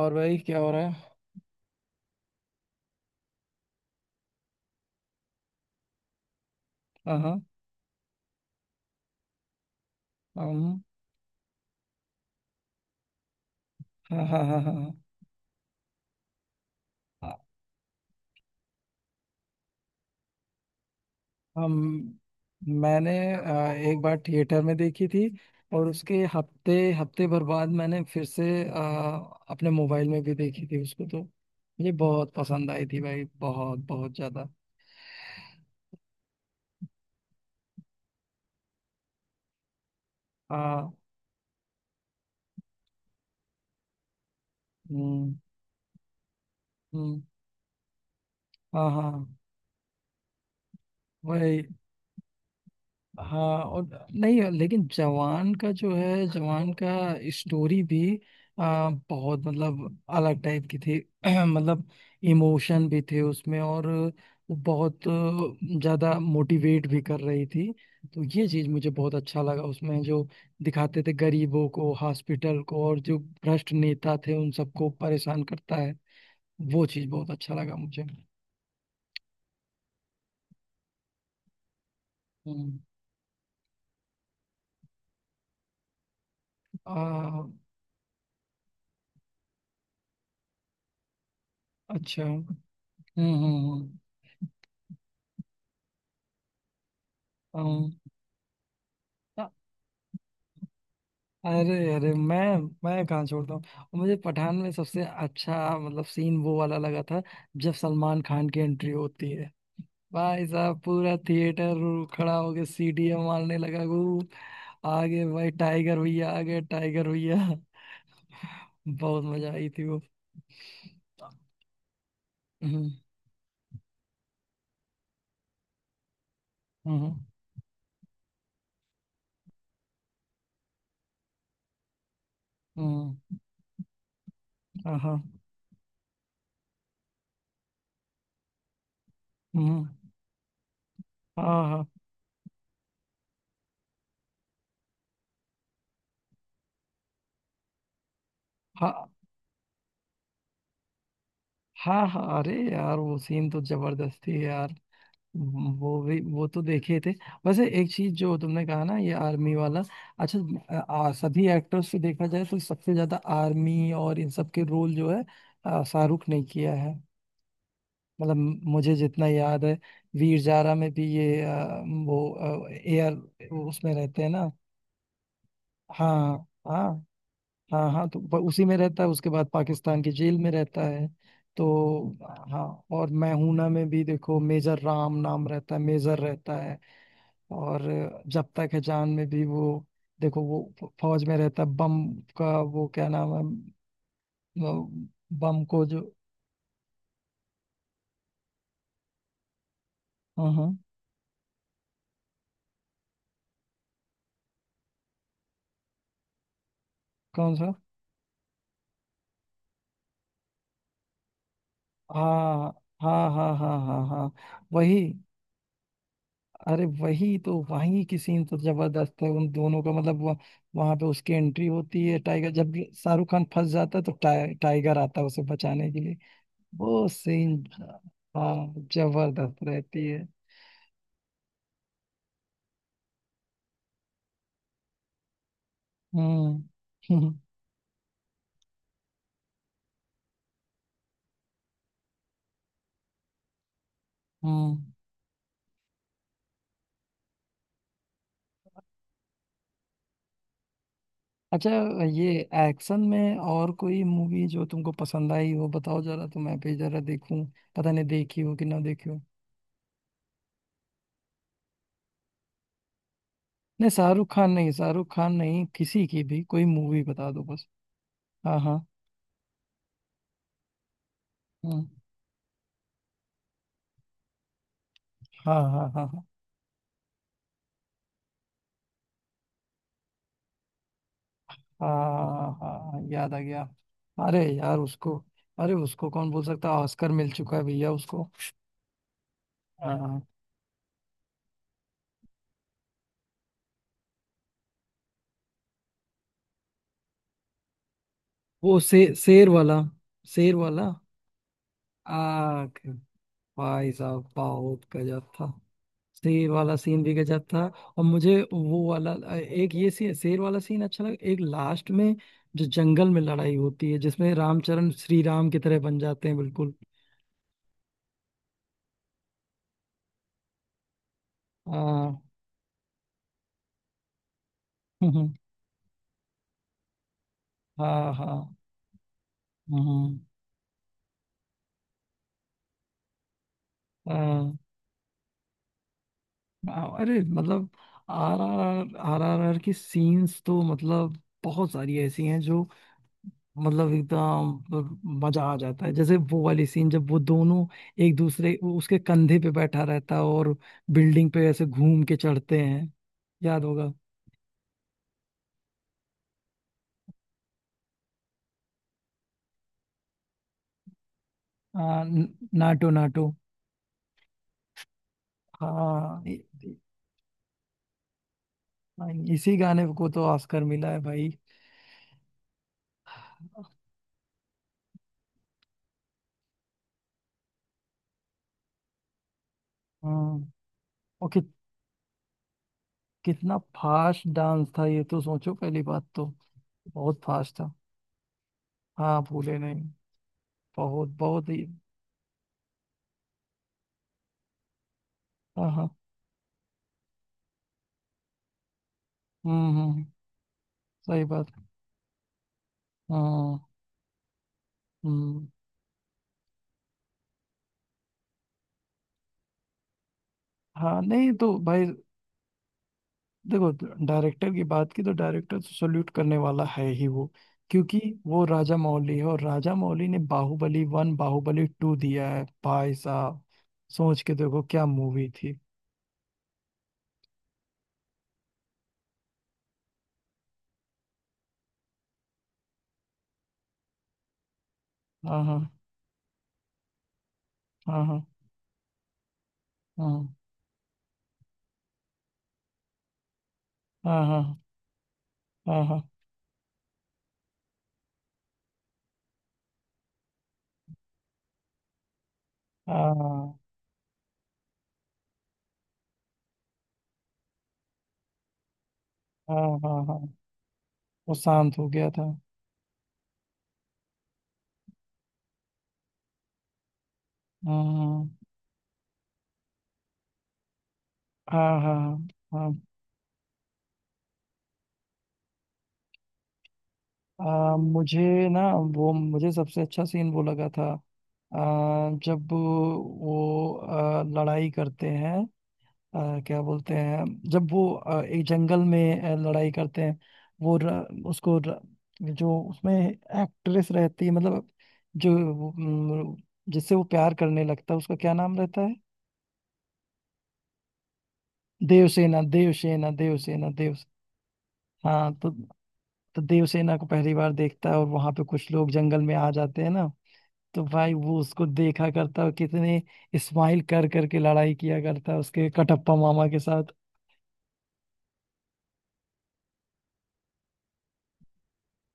और भाई, क्या हो रहा है? हाँ, हाँ। हम। हाँ, हाँ, हाँ, हाँ, हाँ। हम। मैंने एक बार थिएटर में देखी थी। और उसके हफ्ते हफ्ते भर बाद मैंने फिर से अपने मोबाइल में भी देखी थी उसको, तो मुझे बहुत पसंद आई थी भाई, बहुत बहुत ज्यादा। हाँ। हम्म। हम्म। हाँ, हाँ। वही। हाँ। और नहीं, लेकिन जवान का जो है, जवान का स्टोरी भी बहुत मतलब अलग टाइप की थी। मतलब इमोशन भी थे उसमें, और वो बहुत ज्यादा मोटिवेट भी कर रही थी। तो ये चीज मुझे बहुत अच्छा लगा उसमें, जो दिखाते थे गरीबों को, हॉस्पिटल को, और जो भ्रष्ट नेता थे उन सबको परेशान करता है। वो चीज बहुत अच्छा लगा मुझे। हम्म। आ, अच्छा। हम्म। हम्म। हम्म। अम, अरे अरे, मैं कहाँ छोड़ता हूँ। और मुझे पठान में सबसे अच्छा मतलब सीन वो वाला लगा था, जब सलमान खान की एंट्री होती है। भाई साहब, पूरा थिएटर खड़ा होके सीटियां मारने लगा वो। आगे भाई टाइगर भैया, आगे टाइगर भैया। बहुत मजा आई थी वो। हम्म। हम्म। हम्म। आहा। हम्म। हाँ, हाँ, हाँ, हाँ, हाँ। अरे यार, वो सीन तो जबरदस्त थी यार। वो भी, वो तो देखे थे। वैसे एक चीज जो तुमने कहा ना, ये आर्मी वाला। अच्छा, आ, आ, सभी एक्टर्स से देखा जाए तो सबसे ज्यादा आर्मी और इन सब के रोल जो है शाहरुख ने किया है। मतलब मुझे जितना याद है, वीर जारा में भी ये वो एयर उसमें रहते हैं ना। हाँ, हाँ, हाँ, हाँ। तो उसी में रहता है, उसके बाद पाकिस्तान की जेल में रहता है तो। हाँ। और मैं हूं ना में भी देखो, मेजर राम नाम रहता है, मेजर रहता है। और जब तक है जान में भी वो देखो, वो फौज में रहता है। बम का वो क्या नाम है? वो बम को जो। हाँ, हाँ। कौन सा? हाँ, हाँ, हाँ, हाँ, हाँ। हाँ, वही। अरे वही तो, वही की सीन तो जबरदस्त है उन दोनों का, मतलब वह, वहां पे उसकी एंट्री होती है टाइगर, जब ये शाहरुख खान फंस जाता है तो टाइगर आता है उसे बचाने के लिए। वो सीन, हाँ जबरदस्त रहती है। हम्म। हम्म। अच्छा, ये एक्शन में और कोई मूवी जो तुमको पसंद आई हो बताओ जरा, तो मैं भी जरा देखूं। पता नहीं देखी हो कि ना देखी हो। नहीं, शाहरुख खान नहीं, शाहरुख खान नहीं, किसी की भी कोई मूवी बता दो बस। हाँ, हाँ। हम्म। हाँ, हाँ, हाँ, हाँ, हाँ, हाँ, हाँ, याद आ गया। अरे यार उसको, अरे उसको कौन बोल सकता? ऑस्कर मिल चुका है भैया उसको। हाँ, हाँ। वो शेर वाला। शेर वाला। आख। भाई साहब बहुत गजब था। शेर वाला सीन भी गजब था। और मुझे वो वाला एक ये सी शेर वाला सीन अच्छा लगा एक लास्ट में। जो जंगल में लड़ाई होती है, जिसमें रामचरण श्री राम की तरह बन जाते हैं बिल्कुल। हाँ। हाँ, हाँ। हम्म। हाँ, हाँ। अरे मतलब आर आर आर की सीन्स तो, मतलब बहुत सारी ऐसी हैं जो, मतलब एकदम मतलब मजा आ जाता है। जैसे वो वाली सीन जब वो दोनों एक दूसरे वो उसके कंधे पे बैठा रहता है और बिल्डिंग पे ऐसे घूम के चढ़ते हैं, याद होगा। आ, न- नाटो नाटो। हाँ, इसी गाने को तो ऑस्कर मिला है भाई। हाँ और कितना फास्ट डांस था, ये तो सोचो पहली बात तो। बहुत फास्ट था। हाँ, भूले नहीं। बहुत बहुत ही। हाँ, हाँ। हम्म। हम्म। सही बात। हाँ। हम्म। हाँ, नहीं तो भाई, देखो डायरेक्टर की बात की तो डायरेक्टर तो सल्यूट करने वाला है ही वो, क्योंकि वो राजा मौली है, और राजा मौली ने बाहुबली वन बाहुबली टू दिया है भाई साहब। सोच के देखो क्या मूवी थी। हाँ, हाँ, हाँ, हाँ, हाँ, हाँ, हाँ, हाँ, हाँ, हाँ, हाँ, हाँ, हाँ, वो शांत हो गया था। हाँ, हाँ, हाँ, हाँ, हाँ, हाँ, मुझे ना, वो मुझे सबसे अच्छा सीन वो लगा था। अ, जब वो लड़ाई करते हैं, क्या बोलते हैं, जब वो एक जंगल में लड़ाई करते हैं। वो र, उसको र, जो उसमें एक्ट्रेस रहती है, मतलब जो वो, म, जिससे वो प्यार करने लगता है, उसका क्या नाम रहता है? देवसेना, देवसेना, देवसेना, देव हाँ। तो देवसेना को पहली बार देखता है, और वहां पे कुछ लोग जंगल में आ जाते हैं ना। तो भाई वो उसको देखा करता, और कितने स्माइल कर करके लड़ाई किया करता उसके कटप्पा मामा के साथ।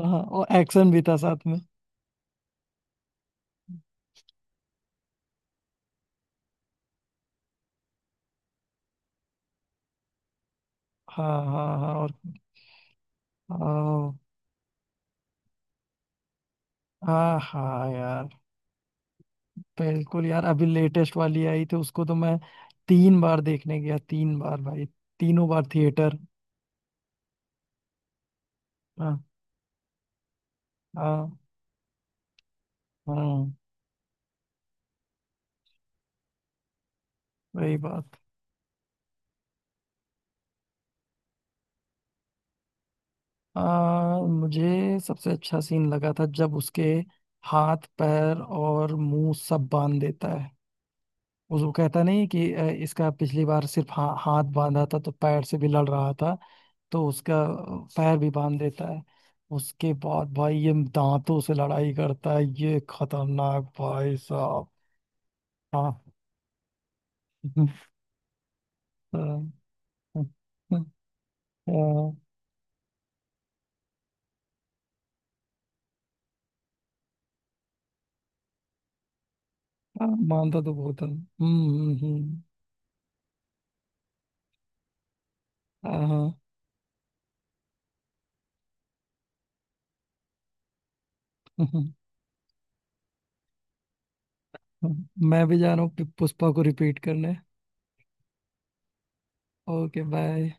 हाँ, और एक्शन भी था साथ में। हाँ, हाँ, हाँ। और आ, हाँ, हाँ यार। बिल्कुल यार, अभी लेटेस्ट वाली आई थी उसको तो मैं तीन बार देखने गया, तीन बार भाई, तीनों बार थिएटर। हाँ, हाँ, हाँ। वही बात। मुझे सबसे अच्छा सीन लगा था जब उसके हाथ पैर और मुंह सब बांध देता है। उस वो कहता नहीं कि इसका पिछली बार सिर्फ हाथ बांधा था, तो पैर से भी लड़ रहा था। तो उसका पैर भी बांध देता है। उसके बाद भाई ये दांतों से लड़ाई करता है, ये खतरनाक भाई साहब। हाँ। अ, अ, मानता तो बहुत है। हम्म। हम्म। हम्म। हाँ। मैं भी जा रहा हूँ पुष्पा को रिपीट करने। Okay, bye.